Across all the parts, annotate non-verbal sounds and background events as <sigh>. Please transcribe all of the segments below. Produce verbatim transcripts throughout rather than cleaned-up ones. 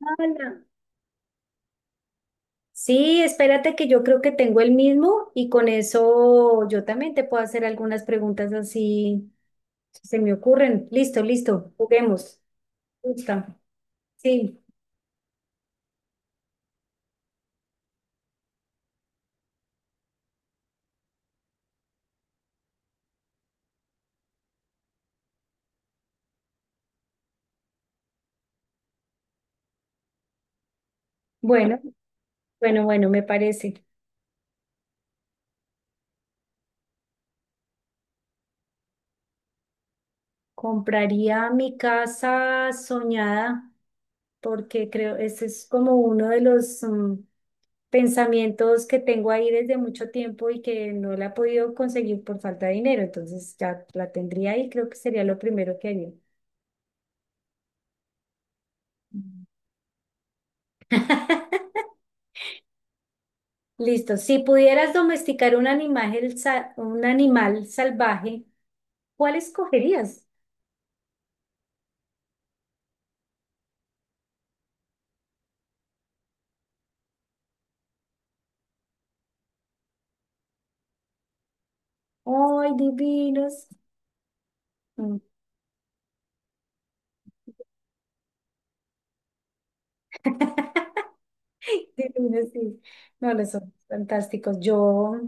Hola. Sí, espérate que yo creo que tengo el mismo y con eso yo también te puedo hacer algunas preguntas así si se me ocurren. Listo, listo, juguemos. Gusta. Sí, bueno, bueno, bueno, me parece. Compraría mi casa soñada porque creo, ese es como uno de los mm, pensamientos que tengo ahí desde mucho tiempo y que no la he podido conseguir por falta de dinero. Entonces ya la tendría ahí, creo que sería lo primero que haría. <laughs> Listo. Si pudieras domesticar un animal, sa- un animal salvaje, ¿cuál escogerías? ¡Ay, divinos! Mm. <laughs> Divinos, sí. No, los son fantásticos. Yo,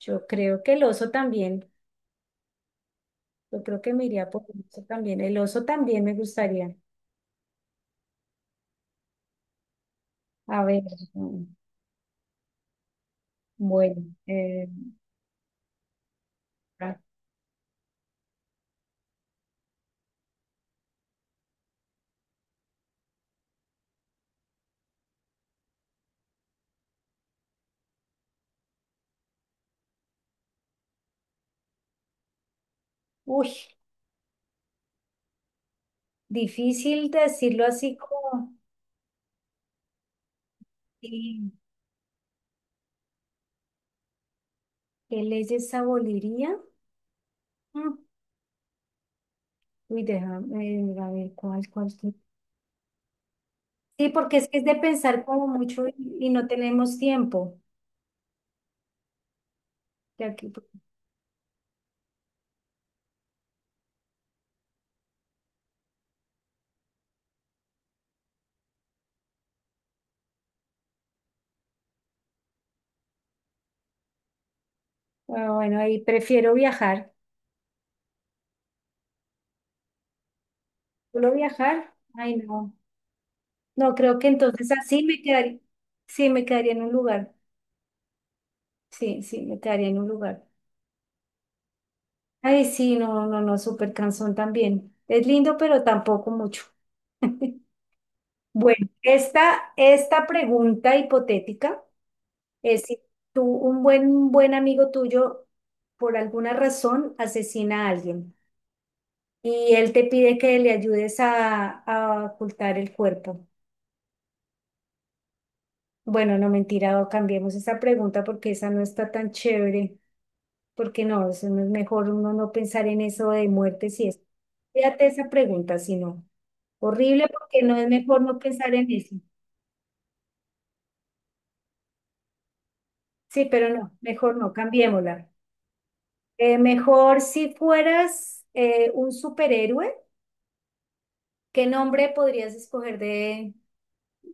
yo creo que el oso también. Yo creo que me iría por el oso también. El oso también me gustaría. A ver, mm, bueno. eh, ah, uy, difícil decirlo así como, sí, ¿qué leyes aboliría? Mm. Uy, déjame eh, a ver cuál, cuál. Sí, sí, porque es que es de pensar como mucho y, y no tenemos tiempo. Ya que, ah, bueno, ahí prefiero viajar. ¿Solo viajar? Ay, no. No, creo que entonces así me quedaría. Sí, me quedaría en un lugar. Sí, sí, me quedaría en un lugar. Ay, sí, no, no, no, súper cansón también. Es lindo, pero tampoco mucho. <laughs> Bueno, esta, esta pregunta hipotética. Eh, si tú, un buen, un buen amigo tuyo, por alguna razón, asesina a alguien y él te pide que le ayudes a, a ocultar el cuerpo. Bueno, no mentira, o cambiemos esa pregunta porque esa no está tan chévere, porque no, eso no es mejor uno no pensar en eso de muerte si es. Fíjate esa pregunta, si no. Horrible porque no es mejor no pensar en eso. Sí, pero no, mejor no, cambiémosla. Eh, mejor si fueras eh, un superhéroe. ¿Qué nombre podrías escoger de...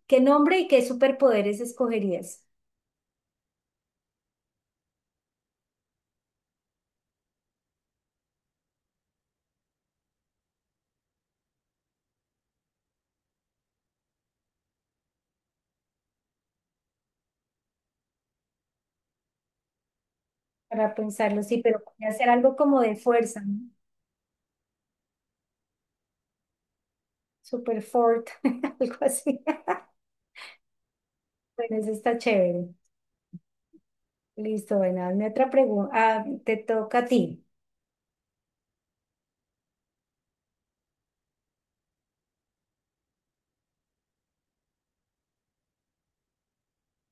¿Qué nombre y qué superpoderes escogerías? Para pensarlo, sí, pero podría ser algo como de fuerza, ¿no? Super fort, <laughs> algo así. <laughs> Bueno, eso está chévere. Listo, bueno, hazme otra pregunta. Ah, te toca a ti.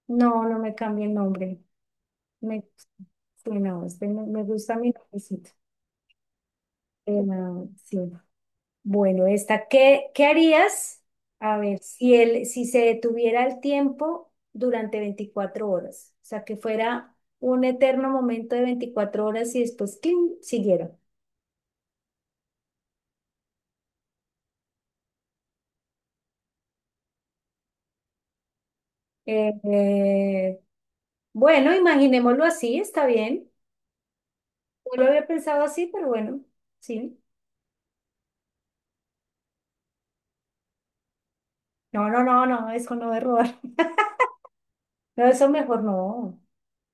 No, no me cambie el nombre. Me, sí, no, este me, me gusta mi nombrecito. Eh, no, sí. Bueno, esta, ¿qué, qué harías? A ver, si él, si se detuviera el tiempo durante veinticuatro horas, o sea, que fuera un eterno momento de veinticuatro horas y después, ¡cling! Siguiera. Eh, eh, bueno, imaginémoslo así, está bien. No lo había pensado así, pero bueno, sí. No, no, no, no, eso no es robar. <laughs> No, eso mejor no.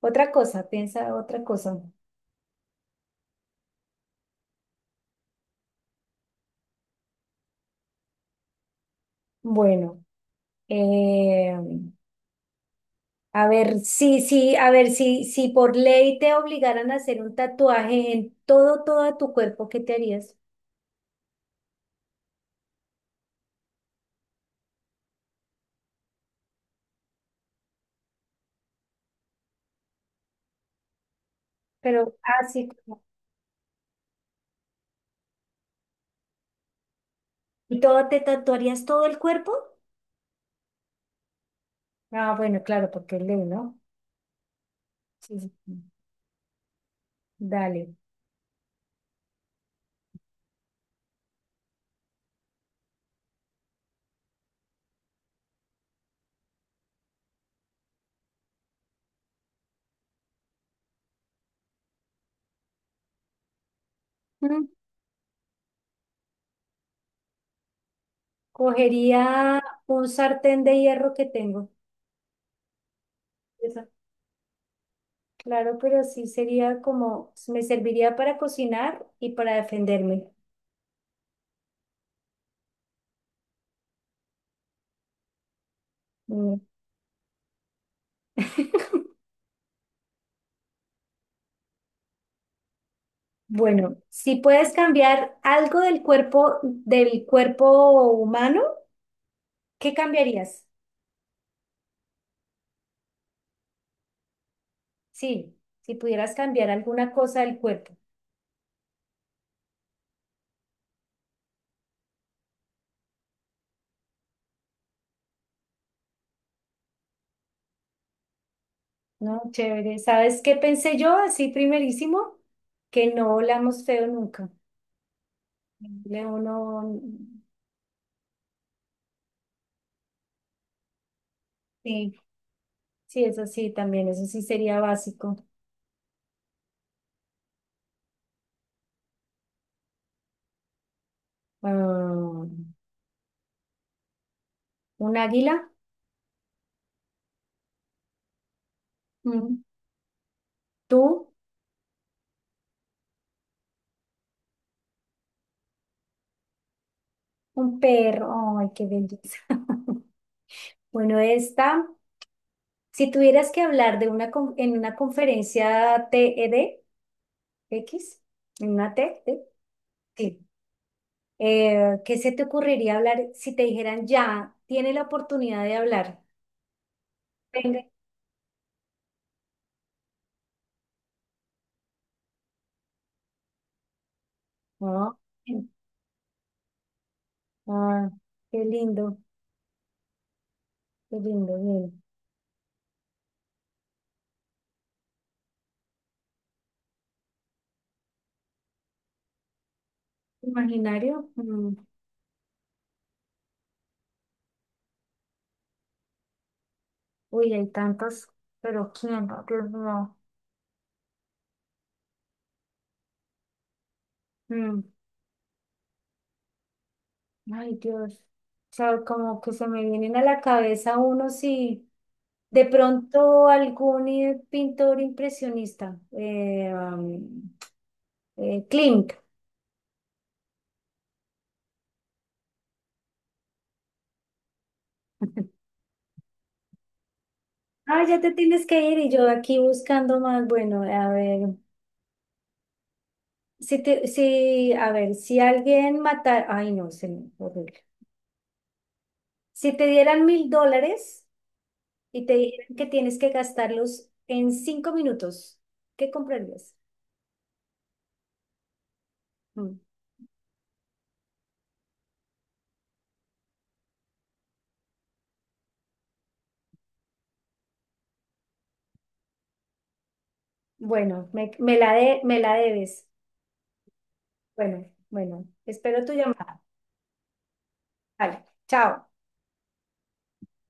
Otra cosa, piensa otra cosa. Bueno, eh, a ver, sí, sí, a ver, si si por ley te obligaran a hacer un tatuaje en todo, todo tu cuerpo, ¿qué te harías? Pero así como, ¿y todo te tatuarías todo el cuerpo? Ah, bueno, claro, porque es ley, ¿no? Sí, sí. Sí. Dale. Mm, Cogería un sartén de hierro que tengo. Esa. Claro, pero sí sería como, me serviría para cocinar y para defenderme. Mm. <laughs> Bueno, si puedes cambiar algo del cuerpo, del cuerpo humano, ¿qué cambiarías? Sí, si pudieras cambiar alguna cosa del cuerpo, ¿no? Chévere. ¿Sabes qué pensé yo así primerísimo? Que no olamos feo nunca. Leo no, sí, sí, eso sí, también, eso sí sería básico. Ah, ¿un águila? Mm. ¿Tú? ¿Un perro? Ay, qué belleza. <laughs> Bueno, esta. Si tuvieras que hablar de una con- en una conferencia TEDx, en una TED, sí, eh, ¿qué se te ocurriría hablar si te dijeran ya, tiene la oportunidad de hablar? Venga. Ah, ah, qué lindo, qué lindo, bien. ¿Imaginario? Mm, uy, hay tantos, pero ¿quién? Dios mío. Mm, ay, Dios. O sea, como que se me vienen a la cabeza unos y... De pronto algún eh, pintor impresionista, eh, um, eh, Klimt. <laughs> Ah, ya te tienes que ir y yo aquí buscando más. Bueno, a ver, si te, si, a ver, si alguien matara, ay no, se me horrible. Si te dieran mil dólares y te dijeran que tienes que gastarlos en cinco minutos, ¿qué comprarías? Mm, bueno, me, me la de, me la debes. Bueno, bueno, espero tu llamada. Vale, chao.